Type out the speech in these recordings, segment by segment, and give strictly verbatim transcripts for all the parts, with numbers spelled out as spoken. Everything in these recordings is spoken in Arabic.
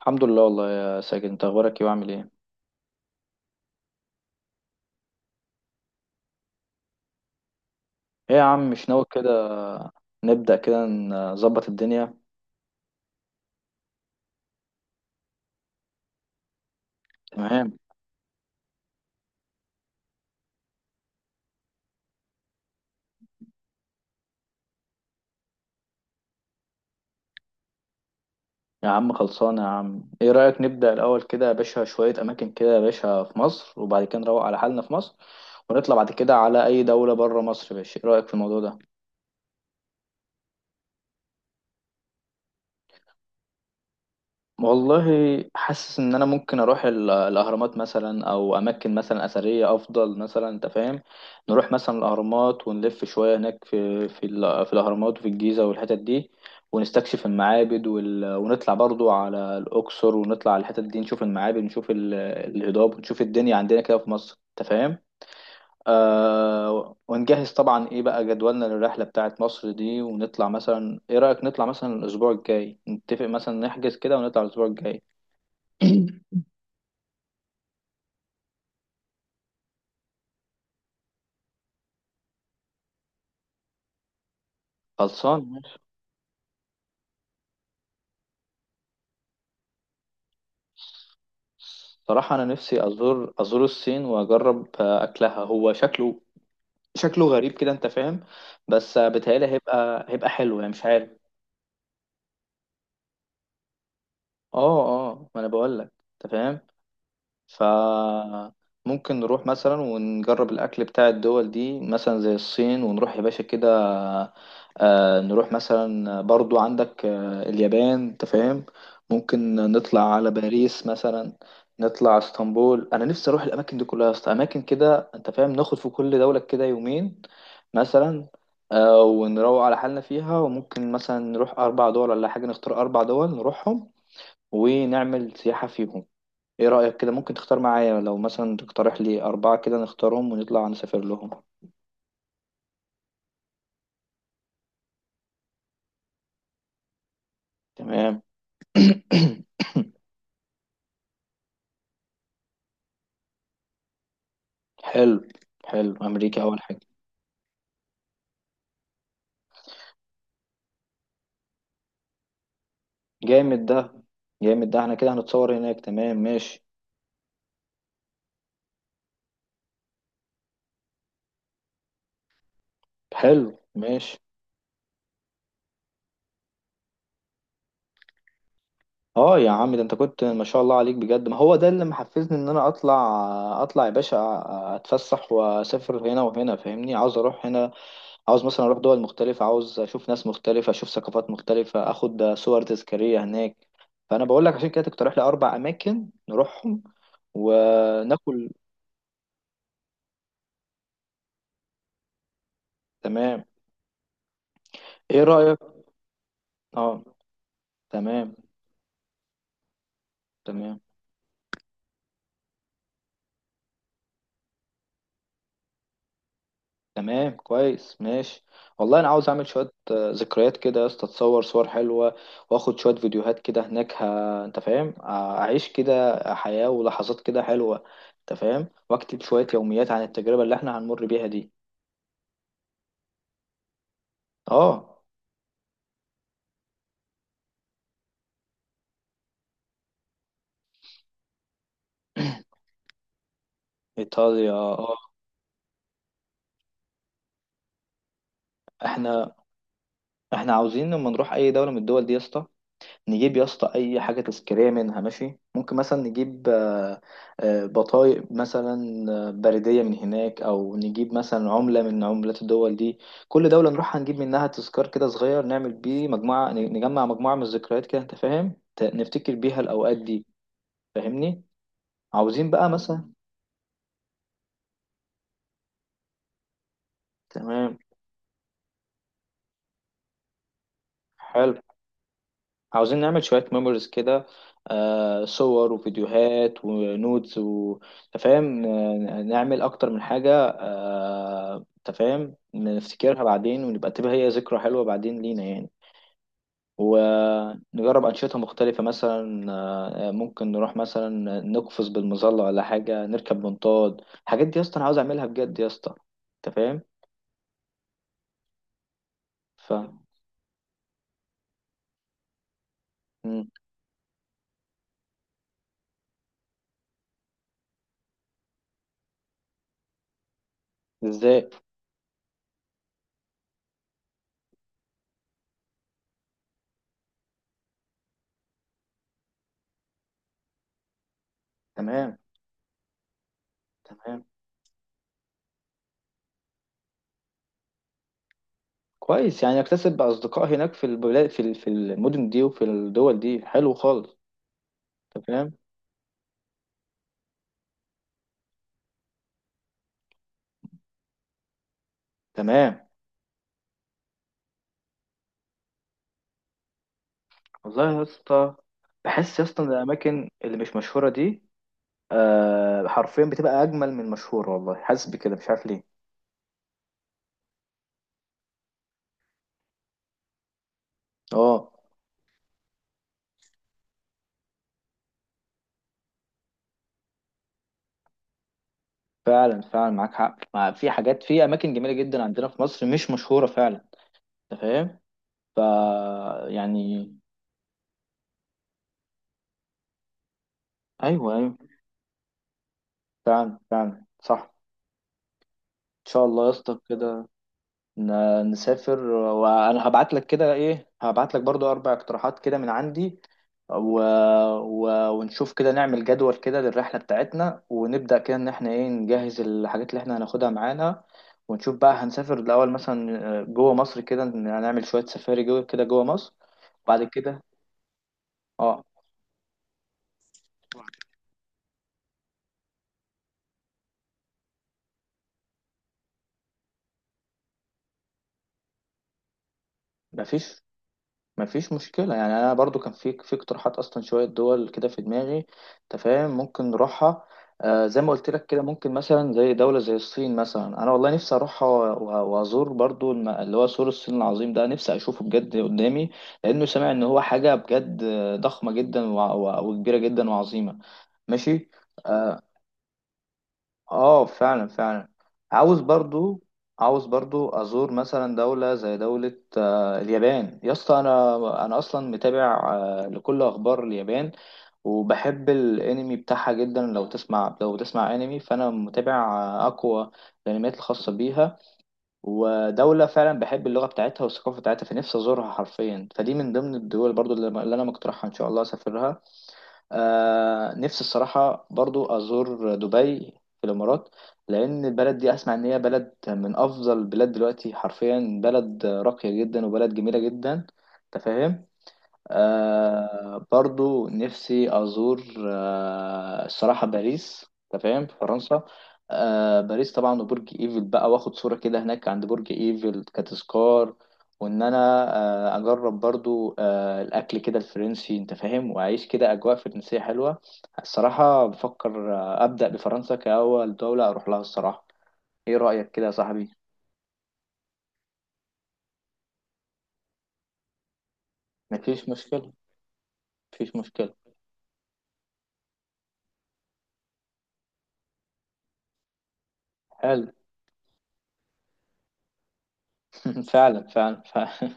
الحمد لله، والله يا ساجد، انت اخبارك ايه وعامل ايه؟ ايه يا عم، مش ناوي كده؟ نبدأ كده نظبط الدنيا. تمام. يا عم خلصانه يا عم، ايه رأيك نبدأ الاول كده يا باشا، شوية اماكن كده يا باشا في مصر، وبعد كده نروق على حالنا في مصر. ونطلع بعد كده على اي دولة بره مصر يا باشا، ايه رأيك في الموضوع ده؟ والله، حاسس ان انا ممكن اروح ال- الاهرامات مثلا، او اماكن مثلا اثريه افضل مثلا، انت فاهم. نروح مثلا الاهرامات ونلف شويه هناك في في ال- في الاهرامات، وفي الجيزه والحتت دي. ونستكشف المعابد وال... ونطلع برضو على الاقصر، ونطلع على الحتت دي نشوف المعابد، نشوف ال... الهضاب، ونشوف الدنيا عندنا كده في مصر، انت فاهم. آه ونجهز طبعا، ايه بقى جدولنا للرحله بتاعت مصر دي، ونطلع مثلا، ايه رايك نطلع مثلا الاسبوع الجاي، نتفق مثلا نحجز كده ونطلع الاسبوع الجاي. خلصان ماشي. صراحة أنا نفسي أزور أزور الصين، وأجرب آه، أكلها هو شكله، شكله غريب كده، أنت فاهم. بس آه، بيتهيألي هيبقى هيبقى حلو يعني، مش عارف. أه، أه، ما أنا بقول لك. أنت فاهم. فممكن نروح مثلا ونجرب الأكل بتاع الدول دي، مثلا زي الصين، ونروح يا باشا كده. آه، نروح مثلا برضو، عندك آه، اليابان، انت فاهم. ممكن نطلع على باريس مثلا. نطلع اسطنبول، انا نفسي اروح الاماكن دي كلها يا اسطى، اماكن كده انت فاهم، ناخد في كل دولة كده يومين مثلا. آه، ونروق على حالنا فيها، وممكن مثلا نروح اربع دول ولا حاجة، نختار اربع دول نروحهم ونعمل سياحة فيهم. ايه رأيك كده؟ ممكن تختار معايا لو مثلا تقترح لي أربعة كده نختارهم ونطلع نسافر لهم. تمام. حلو. حلو، أمريكا أول حاجة. جامد ده. جامد ده، احنا كده هنتصور هناك، تمام ماشي. حلو، ماشي. اه يا عم، ده انت كنت ما شاء الله عليك بجد، ما هو ده اللي محفزني ان انا اطلع اطلع يا باشا، اتفسح واسافر هنا وهنا، فاهمني عاوز اروح هنا، عاوز مثلا اروح دول مختلفة، عاوز اشوف ناس مختلفة، اشوف ثقافات مختلفة، اخد صور تذكارية هناك. فانا بقول لك عشان كده تقترح لي اربع اماكن نروحهم وناكل. تمام. ايه رأيك؟ اه. تمام تمام. تمام كويس ماشي. والله انا عاوز اعمل شوية آه، ذكريات كده يا اسطى، اتصور صور حلوة، واخد شوية فيديوهات كده هناك ه... انت فاهم، آه، اعيش كده حياة ولحظات كده حلوة، انت فاهم، واكتب شوية يوميات عن التجربة اللي احنا هنمر بيها دي. اه. ايطاليا، اه. احنا احنا عاوزين لما نروح اي دوله من الدول دي يا اسطى، نجيب يا اسطى اي حاجه تذكاريه منها، ماشي، ممكن مثلا نجيب آه، آه، بطايق مثلا، آه، بريديه من هناك، او نجيب مثلا عمله من عملات الدول دي. كل دوله نروح هنجيب منها تذكار كده صغير، نعمل بيه مجموعه، نجمع مجموعه من الذكريات كده، انت فاهم، ت- نفتكر بيها الاوقات دي. فاهمني. عاوزين بقى مثلا. تمام. حلو. عاوزين نعمل شوية ميموريز كده، آه، صور وفيديوهات ونودز وتفاهم، نعمل أكتر من حاجة، آه، تفاهم نفتكرها بعدين، ونبقى تبقى هي ذكرى حلوة بعدين لينا يعني، ونجرب أنشطة مختلفة مثلا. آه، ممكن نروح مثلا نقفز بالمظلة، ولا حاجة نركب منطاد. الحاجات دي يا اسطى أنا عاوز أعملها بجد يا اسطى. أنت فاهم؟ ف مم. إزاي؟ تمام. تمام كويس يعني، اكتسب أصدقاء هناك في البلاد في ال- في المدن دي وفي الدول دي، حلو خالص. أنت فاهم. تمام. والله يا اسطى، بحس يا اسطى إن الأماكن اللي مش مشهورة دي آه حرفيا بتبقى أجمل من المشهورة، والله حاسس بكده مش عارف ليه. اه، فعلا فعلا معاك حق، مع في حاجات في أماكن جميلة جدا عندنا في مصر مش مشهورة فعلا. أنت فاهم. ف يعني. أيوه، أيوه. فعلا فعلا صح. إن شاء الله يا اسطى كده ن- نسافر، وانا هبعت لك كده ايه، هبعت لك برضو اربع اقتراحات كده من عندي، و... و... ونشوف كده نعمل جدول كده للرحلة بتاعتنا، ونبدأ كده ان احنا ايه نجهز الحاجات اللي احنا هناخدها معانا. ونشوف بقى هنسافر الاول مثلا آه، جوه مصر كده، هنعمل شوية سفاري جوه كده جوه مصر. بعد كده. اه. مفيش مفيش مشكلة يعني، أنا برضو كان في في اقتراحات أصلا شوية دول كده في دماغي، أنت فاهم ممكن نروحها. آه زي ما قلت لك كده، ممكن مثلا زي دولة زي الصين مثلا، أنا والله نفسي أروحها و- و- وأزور برضو الم- اللي هو سور الصين العظيم ده، نفسي أشوفه بجد قدامي، لأنه سامع إن هو حاجة بجد ضخمة جدا وع- وع- وكبيرة جدا وعظيمة، ماشي. آه، اه، فعلا فعلا. عاوز برضو عاوز برضو ازور مثلا دولة زي دولة آه، اليابان يا اسطى، انا انا اصلا متابع آه، لكل اخبار اليابان، وبحب الانمي بتاعها جدا. لو تسمع لو بتسمع انمي، فانا متابع آه، اقوى الانميات الخاصة بيها، ودولة فعلا بحب اللغة بتاعتها والثقافة بتاعتها، فنفسي ازورها حرفيا، فدي من ضمن الدول برضو اللي اللي انا مقترحها ان شاء الله اسافرها. آه نفسي الصراحة برضو أزور دبي في الإمارات، لأن البلد دي أسمع إن هي بلد من أفضل البلاد دلوقتي، حرفيا بلد راقية جدا وبلد جميلة جدا، أنت فاهم. آه برضو نفسي أزور آه الصراحة باريس، أنت فاهم، في فرنسا. آه باريس طبعا، وبرج إيفل بقى، وآخد صورة كده هناك عند برج إيفل كتذكار، وإن أنا آه أجرب برضو آه الأكل كده الفرنسي، أنت فاهم، وأعيش كده أجواء فرنسية حلوة. الصراحة بفكر آه أبدأ بفرنسا كأول دولة أروح لها الصراحة. إيه رأيك كده يا صاحبي؟ مفيش مشكلة. مفيش مشكلة. حلو. فعلا فعلا فعلا.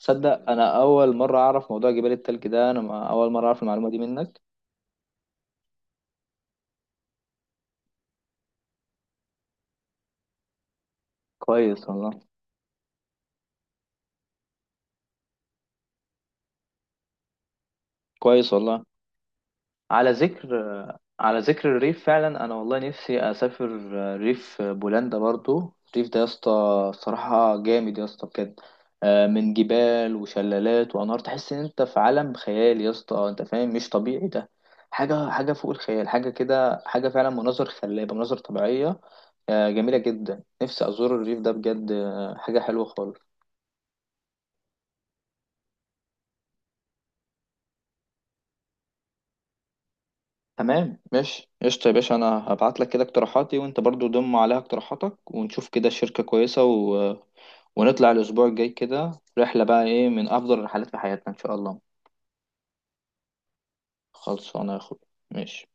تصدق انا اول مره اعرف موضوع جبال التلج ده، انا ما- اول مره اعرف المعلومه دي منك. كويس والله. كويس والله. على ذكر على ذكر الريف فعلا، انا والله نفسي اسافر ريف بولندا برضو. الريف ده يا اسطى صراحه جامد يا اسطى بجد، آه، من جبال وشلالات وانهار، تحس ان انت في عالم خيال يا اسطى، انت فاهم، مش طبيعي ده. حاجه حاجه فوق الخيال، حاجه كده، حاجه فعلا، مناظر خلابه، مناظر طبيعيه آه، جميله جدا، نفسي ازور الريف ده بجد، آه، حاجه حلوه خالص. تمام ماشي قشطة يا باشا، أنا هبعت لك كده اقتراحاتي وأنت برضو ضم عليها اقتراحاتك، ونشوف كده الشركة كويسة، و... ونطلع الأسبوع الجاي كده، رحلة بقى إيه من أفضل الرحلات في حياتنا إن شاء الله. خلصانة يا أخوي. ماشي.